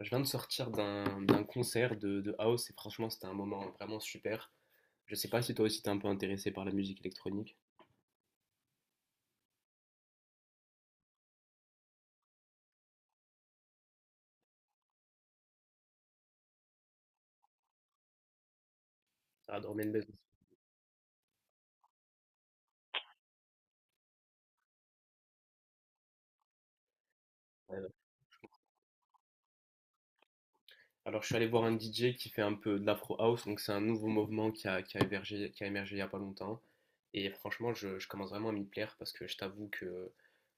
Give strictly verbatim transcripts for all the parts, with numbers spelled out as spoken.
Je viens de sortir d'un d'un concert de, de house et franchement c'était un moment vraiment super. Je sais pas si toi aussi t'es un peu intéressé par la musique électronique. Ah, Drum and Alors, je suis allé voir un D J qui fait un peu de l'afro house, donc c'est un nouveau mouvement qui a, qui a émergé, qui a émergé il n'y a pas longtemps. Et franchement, je, je commence vraiment à m'y plaire parce que je t'avoue que,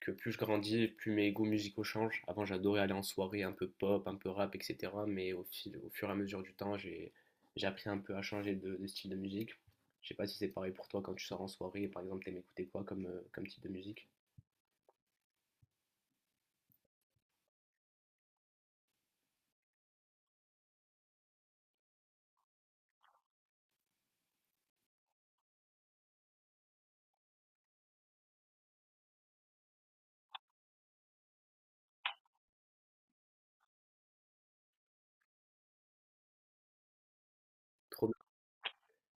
que plus je grandis, plus mes goûts musicaux changent. Avant, j'adorais aller en soirée un peu pop, un peu rap, et cetera. Mais au fil, au fur et à mesure du temps, j'ai, j'ai appris un peu à changer de, de style de musique. Je sais pas si c'est pareil pour toi quand tu sors en soirée, par exemple, t'aimes écouter quoi comme, euh, comme type de musique?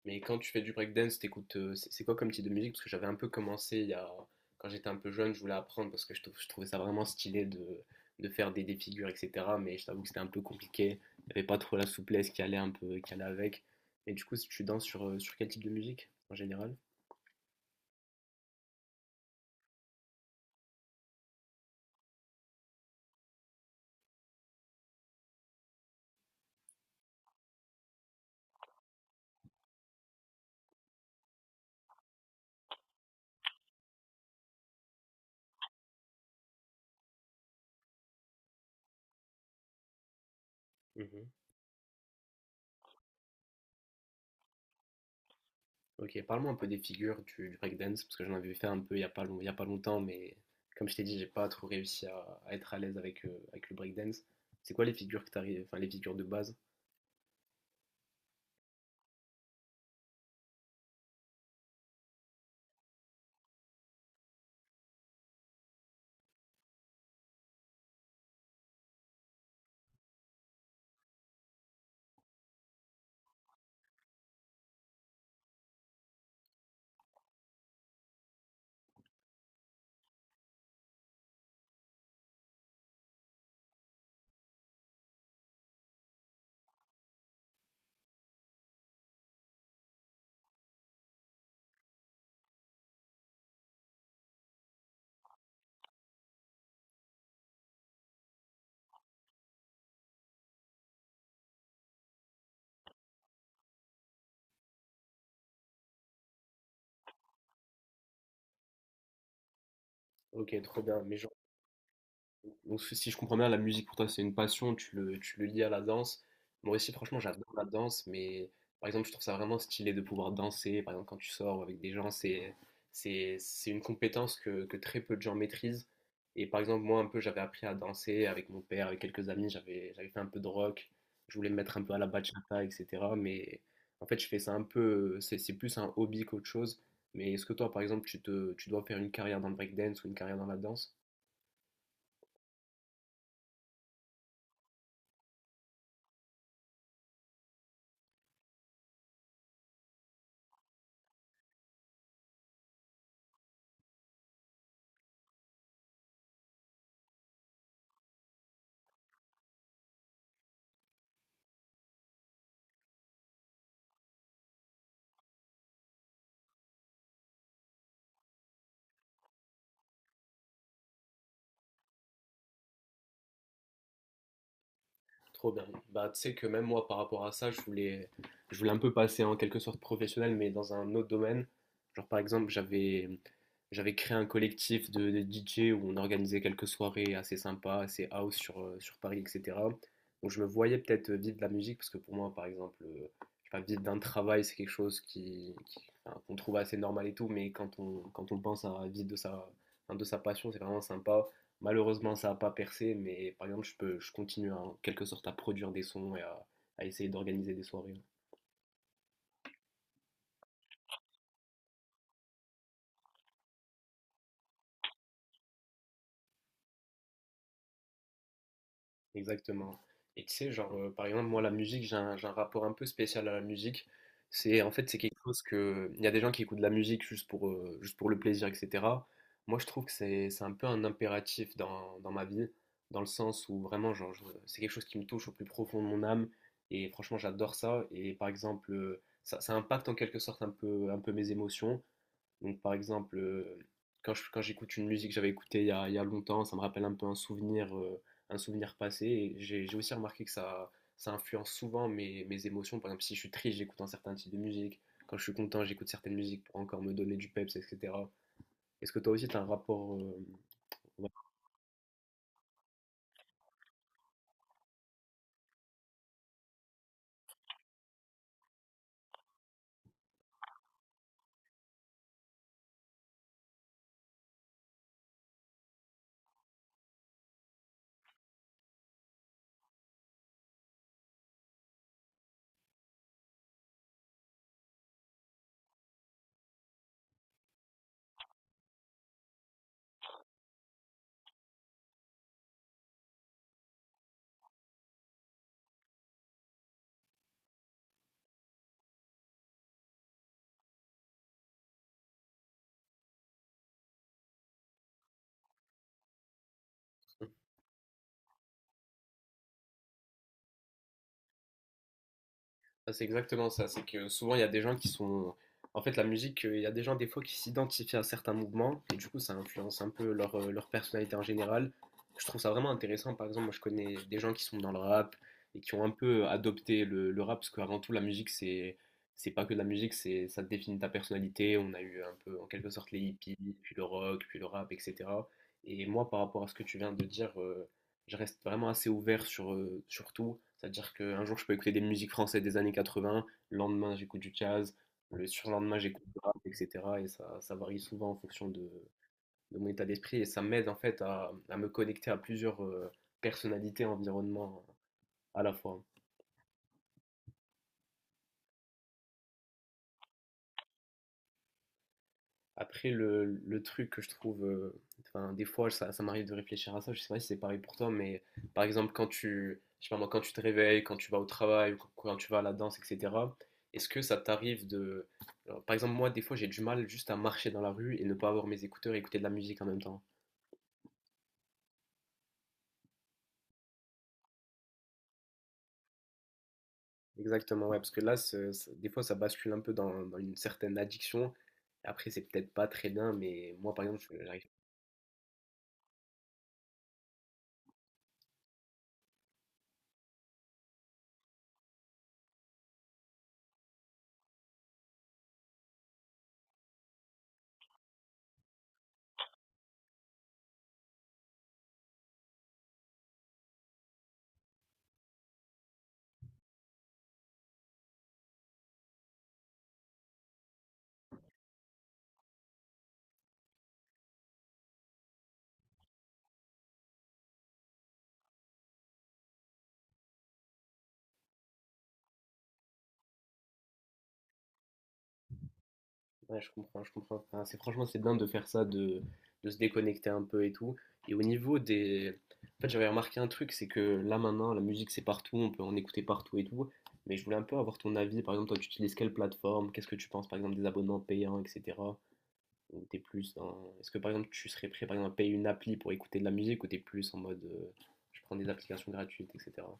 Mais quand tu fais du breakdance, t'écoutes, euh, c'est c'est quoi comme type de musique? Parce que j'avais un peu commencé il y a... quand j'étais un peu jeune, je voulais apprendre parce que je, trou- je trouvais ça vraiment stylé de, de faire des, des figures, et cetera. Mais je t'avoue que c'était un peu compliqué. Il n'y avait pas trop la souplesse qui allait un peu, qui allait avec. Et du coup, si tu danses sur, euh, sur quel type de musique en général? Mhm. Ok, parle-moi un peu des figures du, du breakdance parce que j'en avais fait un peu il n'y a pas long- il y a pas longtemps, mais comme je t'ai dit, j'ai pas trop réussi à, à être à l'aise avec, euh, avec le breakdance. C'est quoi les figures que t'arrives, enfin les figures de base? Ok, trop bien. Mais genre. Donc si si je comprends bien, la musique pour toi c'est une passion, tu le, tu le lies à la danse. Moi aussi franchement j'adore la danse, mais par exemple je trouve ça vraiment stylé de pouvoir danser, par exemple quand tu sors avec des gens, c'est, c'est, c'est une compétence que, que très peu de gens maîtrisent. Et par exemple moi un peu j'avais appris à danser avec mon père, avec quelques amis, j'avais, j'avais fait un peu de rock, je voulais me mettre un peu à la bachata, et cetera. Mais en fait je fais ça un peu, c'est c'est plus un hobby qu'autre chose. Mais est-ce que toi par exemple tu te, tu dois faire une carrière dans le breakdance ou une carrière dans la danse? Trop bien. Bah, tu sais que même moi, par rapport à ça, je voulais, je voulais un peu passer en quelque sorte professionnel, mais dans un autre domaine. Genre, par exemple, j'avais, j'avais créé un collectif de, de D J où on organisait quelques soirées assez sympas, assez house sur, euh, sur Paris, et cetera. Donc, je me voyais peut-être vivre de la musique, parce que pour moi, par exemple, euh, je sais pas, vivre d'un travail, c'est quelque chose qui, qui- enfin, qu'on trouve assez normal et tout, mais quand on, quand on pense à vivre de sa, enfin, de sa passion, c'est vraiment sympa. Malheureusement, ça n'a pas percé, mais par exemple, je peux, je continue en quelque sorte à produire des sons et à, à essayer d'organiser des soirées. Exactement. Et tu sais, genre, euh, par exemple, moi, la musique, j'ai un, j'ai un rapport un peu spécial à la musique. C'est, en fait, c'est quelque chose que... Il y a des gens qui écoutent de la musique juste pour, euh, juste pour le plaisir, et cetera. Moi, je trouve que c'est, c'est un peu un impératif dans, dans ma vie, dans le sens où vraiment, genre, je- c'est quelque chose qui me touche au plus profond de mon âme. Et franchement, j'adore ça. Et par exemple, euh, ça, ça impacte en quelque sorte un peu, un peu mes émotions. Donc, par exemple, euh, quand je- quand j'écoute une musique que j'avais écoutée il y a, il y a longtemps, ça me rappelle un peu un souvenir, euh, un souvenir passé. Et j'ai j'ai aussi remarqué que ça, ça influence souvent mes, mes émotions. Par exemple, si je suis triste, j'écoute un certain type de musique. Quand je suis content, j'écoute certaines musiques pour encore me donner du peps, et cetera. Est-ce que toi aussi, tu as un rapport, euh, Ah, c'est exactement ça. C'est que souvent, il y a des gens qui sont. En fait, la musique, euh, il y a des gens, des fois, qui s'identifient à certains mouvements. Et du coup, ça influence un peu leur, euh, leur personnalité en général. Je trouve ça vraiment intéressant. Par exemple, moi, je connais des gens qui sont dans le rap et qui ont un peu euh, adopté le, le rap. Parce qu'avant tout, la musique, c'est. C'est pas que de la musique, c'est ça définit ta personnalité. On a eu un peu, en quelque sorte, les hippies, puis le rock, puis le rap, et cetera. Et moi, par rapport à ce que tu viens de dire. Euh, je reste vraiment assez ouvert sur, euh, sur tout. C'est-à-dire qu'un jour, je peux écouter des musiques françaises des années quatre-vingt, le lendemain, j'écoute du jazz, le surlendemain, j'écoute du rap, et cetera. Et ça, ça varie souvent en fonction de, de mon état d'esprit. Et ça m'aide en fait à, à me connecter à plusieurs euh, personnalités, environnements à la fois. Après, le, le truc que je trouve, euh, enfin, des fois, ça, ça m'arrive de réfléchir à ça. Je sais pas si c'est pareil pour toi, mais par exemple, quand tu, je sais pas moi, quand tu te réveilles, quand tu vas au travail, ou quand quand tu vas à la danse, et cetera, est-ce que ça t'arrive de. Alors, par exemple, moi, des fois, j'ai du mal juste à marcher dans la rue et ne pas avoir mes écouteurs et écouter de la musique en même temps. Exactement, ouais, parce que là, ce- ce- des fois, ça bascule un peu dans, dans une certaine addiction. Après, c'est peut-être pas très bien, mais moi, par exemple, je- j'arrive. Ouais, je comprends, je comprends. Enfin, c'est franchement, c'est bien de faire ça, de, de se déconnecter un peu et tout. Et au niveau des... En fait, j'avais remarqué un truc, c'est que là maintenant, la musique, c'est partout, on peut en écouter partout et tout. Mais je voulais un peu avoir ton avis. Par exemple, toi, tu utilises quelle plateforme? Qu'est-ce que tu penses, par exemple, des abonnements payants, et cetera. Ou t'es plus dans... Est-ce que, par exemple, tu serais prêt, par exemple, à payer une appli pour écouter de la musique ou t'es plus en mode, euh, je prends des applications gratuites, et cetera.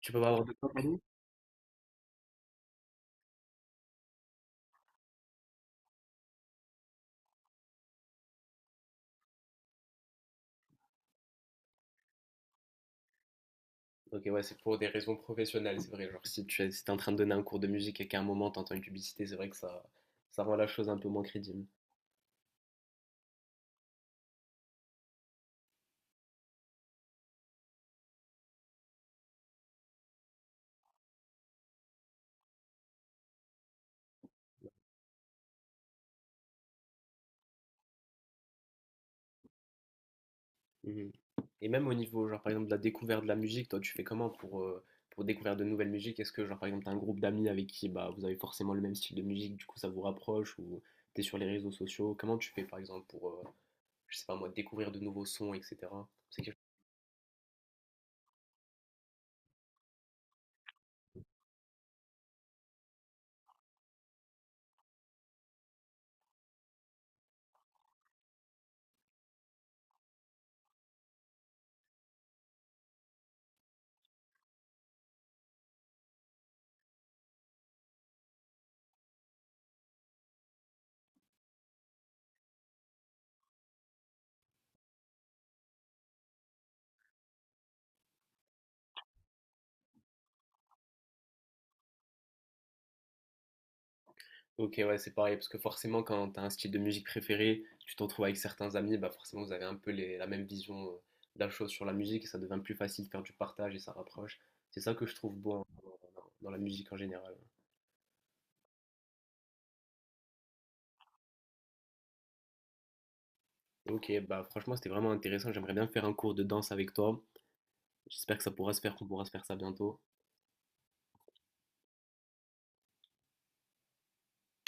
Tu peux pas avoir. Ok, ouais, c'est pour des raisons professionnelles, c'est vrai. Genre, si tu es, si t'es en train de donner un cours de musique et qu'à un moment t'entends une publicité, c'est vrai que ça, ça rend la chose un peu moins crédible. Mhm. Et même au niveau, genre, par exemple, de la découverte de la musique, toi, tu fais comment pour, euh, pour découvrir de nouvelles musiques? Est-ce que, genre, par exemple, t'as un groupe d'amis avec qui, bah, vous avez forcément le même style de musique, du coup, ça vous rapproche, ou t'es sur les réseaux sociaux? Comment tu fais, par exemple, pour, euh, je sais pas moi, découvrir de nouveaux sons, et cetera. C'est. Ok, ouais, c'est pareil, parce que forcément, quand tu as un style de musique préféré, tu t'en trouves avec certains amis, bah forcément, vous avez un peu les- la même vision euh, de la chose sur la musique, et ça devient plus facile de faire du partage et ça rapproche. C'est ça que je trouve beau hein, dans, dans- dans la musique en général. Ok, bah franchement, c'était vraiment intéressant. J'aimerais bien faire un cours de danse avec toi. J'espère que ça pourra se faire, qu'on pourra se faire ça bientôt.